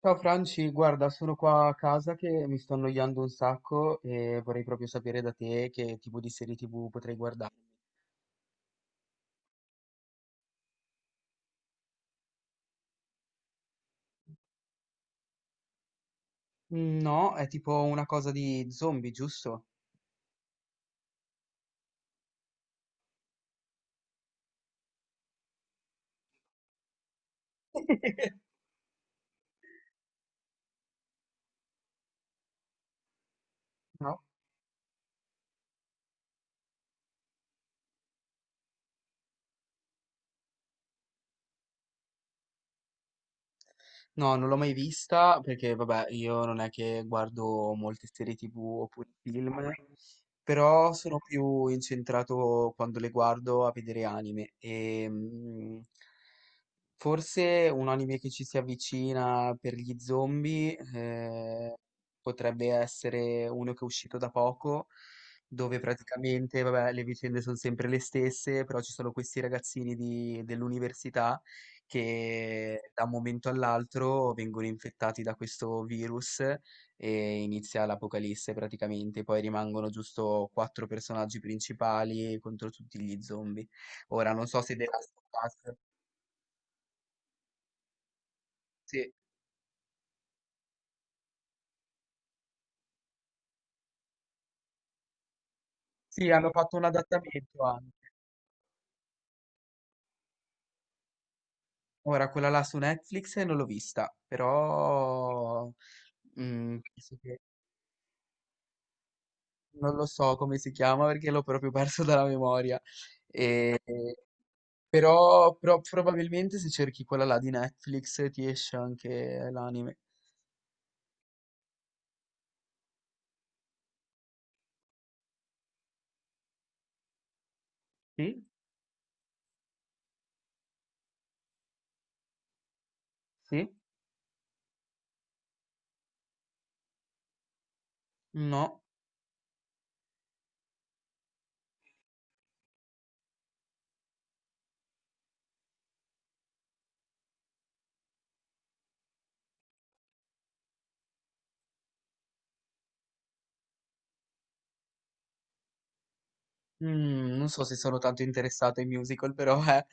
Ciao Franci, guarda, sono qua a casa che mi sto annoiando un sacco e vorrei proprio sapere da te che tipo di serie TV potrei guardare. Mm, no, è tipo una cosa di zombie, giusto? No? No, non l'ho mai vista perché, vabbè, io non è che guardo molte serie TV oppure film, però sono più incentrato quando le guardo a vedere anime. Forse un anime che ci si avvicina per gli zombie, potrebbe essere uno che è uscito da poco, dove praticamente, vabbè, le vicende sono sempre le stesse, però ci sono questi ragazzini dell'università che da un momento all'altro vengono infettati da questo virus e inizia l'apocalisse praticamente. Poi rimangono giusto quattro personaggi principali contro tutti gli zombie. Ora non so se The Last of Us... Sì. Sì, hanno fatto un adattamento anche. Ora, quella là su Netflix non l'ho vista, però mm, penso che- non lo so come si chiama perché l'ho proprio perso dalla memoria. E- però probabilmente se cerchi quella là di Netflix ti esce anche l'anime. Sì? Sì? No. Mm, non so se sono tanto interessato ai musical, però.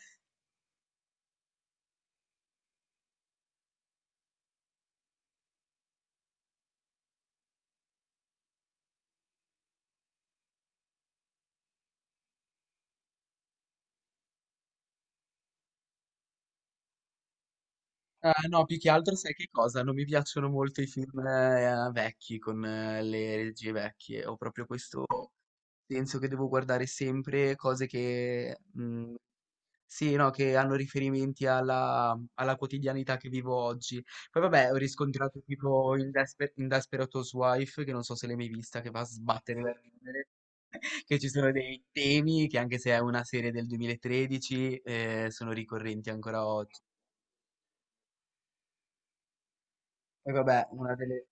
No, più che altro sai che cosa? Non mi piacciono molto i film, vecchi con le regie vecchie. Ho proprio questo senso che devo guardare sempre cose che, sì, no, che hanno riferimenti alla quotidianità che vivo oggi. Poi vabbè, ho riscontrato tipo in Desperate Housewife, che non so se l'hai mai vista, che va a sbattere da ridere. Che ci sono dei temi che anche se è una serie del 2013 , sono ricorrenti ancora oggi. Poi vabbè, una delle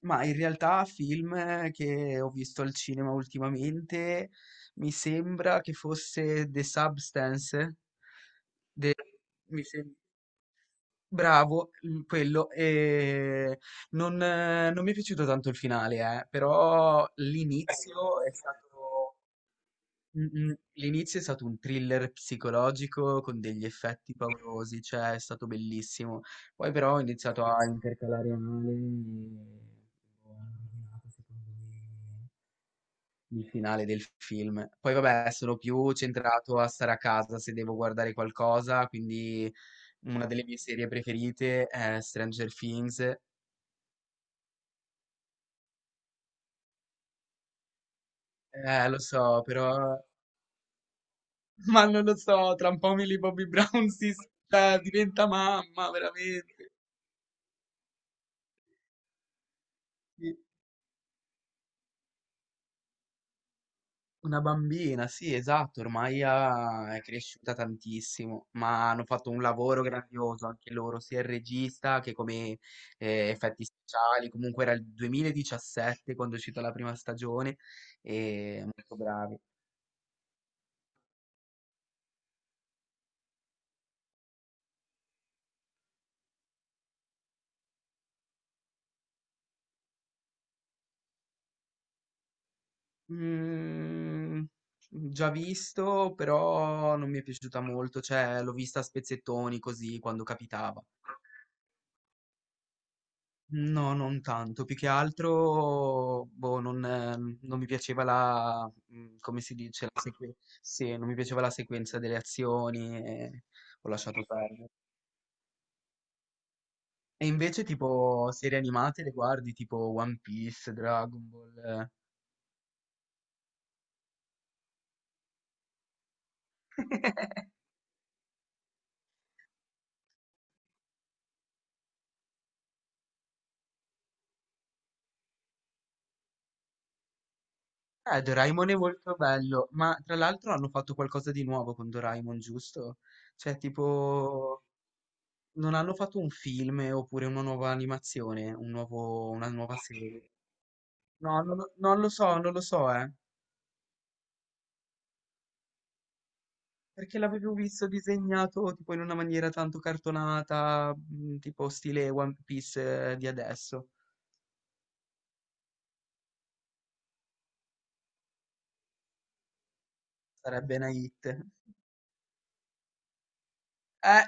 ma in realtà film che ho visto al cinema ultimamente, mi sembra che fosse The Substance, de- mi sem- bravo, quello, e non mi è piaciuto tanto il finale, però l'inizio è stato... Mh-mh. L'inizio è stato un thriller psicologico con degli effetti paurosi, cioè è stato bellissimo. Poi però ho iniziato a intercalare male e ho rovinato secondo me il finale del film. Poi vabbè, sono più centrato a stare a casa se devo guardare qualcosa, quindi una delle mie serie preferite è Stranger Things. Lo so, però ma non lo so, tra un po' Millie Bobby Brown si s cioè diventa mamma, veramente. Sì. Una bambina, sì, esatto, ormai è cresciuta tantissimo, ma hanno fatto un lavoro grandioso anche loro, sia il regista che come effetti speciali, comunque era il 2017 quando è uscita la prima stagione e molto bravi. Mm, già visto, però non mi è piaciuta molto, cioè l'ho vista a spezzettoni così quando capitava. No, non tanto, più che altro, boh, non mi piaceva come si dice, sì, non mi piaceva la sequenza delle azioni e ho lasciato perdere. E invece tipo serie animate le guardi, tipo One Piece, Dragon Ball. Eh, eh, Doraemon è molto bello, ma tra l'altro hanno fatto qualcosa di nuovo con Doraemon, giusto? Cioè, tipo, non hanno fatto un film, oppure una nuova animazione, una nuova serie. No, non lo so, eh. Perché l'avevo visto disegnato tipo in una maniera tanto cartonata, tipo stile One Piece, di adesso. Sarebbe una hit. Eh.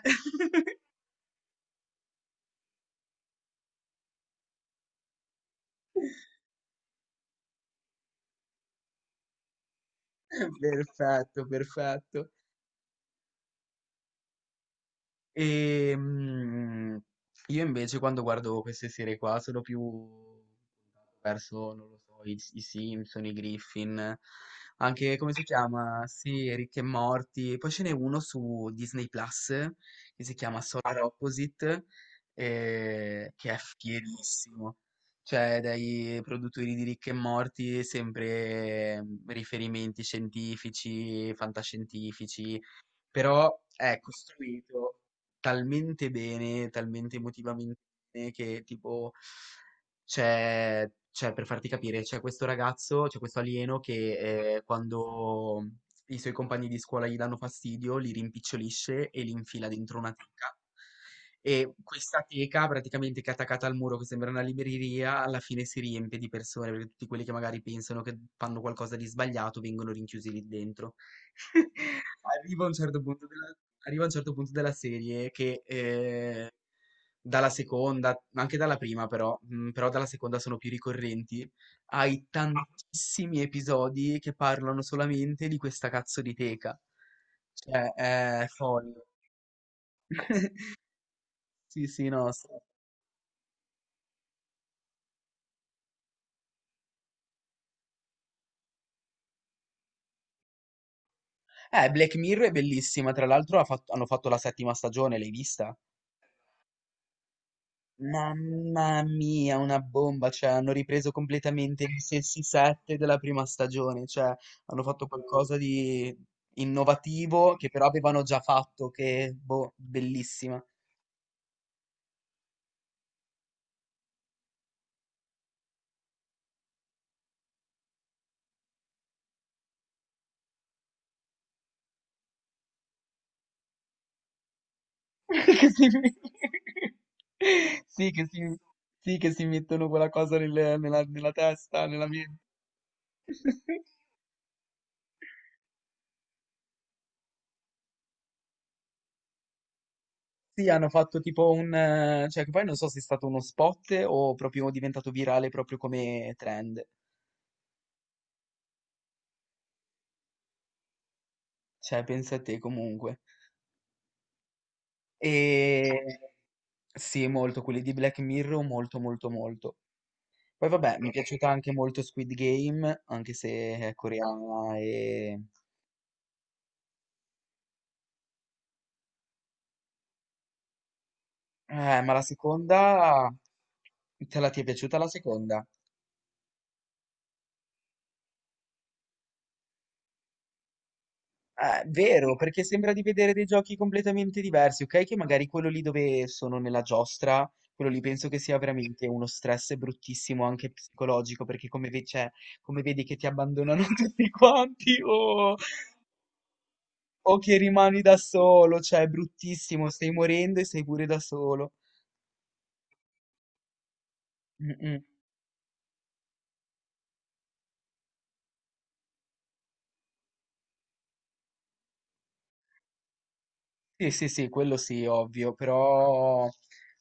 Perfetto, perfetto. Ehm, io invece quando guardo queste serie qua sono più verso, non lo so, i Simpson, i Griffin, anche come si chiama? Sì, Rick e Morty. Poi ce n'è uno su Disney Plus che si chiama Solar Opposite, che è fierissimo. Cioè, dai produttori di Rick e Morty sempre riferimenti scientifici, fantascientifici però è costruito talmente bene, talmente emotivamente bene che tipo per farti capire, c'è questo ragazzo, c'è questo alieno che quando i suoi compagni di scuola gli danno fastidio, li rimpicciolisce e li infila dentro una teca. E questa teca, praticamente che è attaccata al muro, che sembra una libreria, alla fine si riempie di persone, perché tutti quelli che magari pensano che fanno qualcosa di sbagliato vengono rinchiusi lì dentro. Arriva a un certo punto della, arriva a un certo punto della serie che dalla seconda, ma anche dalla prima però dalla seconda sono più ricorrenti, hai tantissimi episodi che parlano solamente di questa cazzo di teca. Cioè, è folle. Sì, sì, no. Black Mirror è bellissima, tra l'altro hanno fatto la settima stagione, l'hai vista? Mamma mia, una bomba, cioè hanno ripreso completamente gli stessi set della prima stagione, cioè hanno fatto qualcosa di innovativo che però avevano già fatto, che boh, bellissima. Che si... Sì, che si mettono quella cosa nella testa, nella mente. Sì, hanno fatto tipo cioè che poi non so se è stato uno spot o proprio diventato virale proprio come trend. Cioè, pensa a te comunque. Ehm, sì, molto, quelli di Black Mirror molto, molto, molto. Poi vabbè, mi è piaciuta anche molto Squid Game, anche se è coreana ma la seconda te la ti è piaciuta la seconda? Vero, perché sembra di vedere dei giochi completamente diversi, ok? Che magari quello lì dove sono nella giostra, quello lì penso che sia veramente uno stress bruttissimo anche psicologico, perché cioè, come vedi che ti abbandonano tutti quanti, oh! O che rimani da solo, cioè è bruttissimo, stai morendo e sei pure da solo. Mm, mm. Sì, sì, sì, quello sì, ovvio, però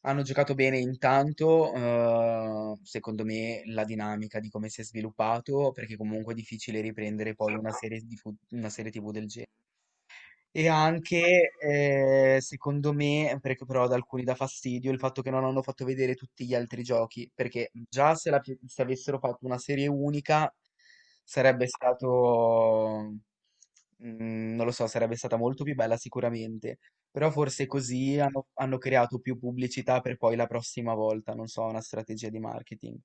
hanno giocato bene intanto, secondo me, la dinamica di come si è sviluppato, perché comunque è difficile riprendere poi una serie, una serie TV del genere. E anche, secondo me, perché però ad alcuni dà fastidio il fatto che non hanno fatto vedere tutti gli altri giochi, perché già se, la pi- se avessero fatto una serie unica sarebbe stato, non lo so, sarebbe stata molto più bella sicuramente, però forse così hanno creato più pubblicità per poi la prossima volta, non so, una strategia di marketing.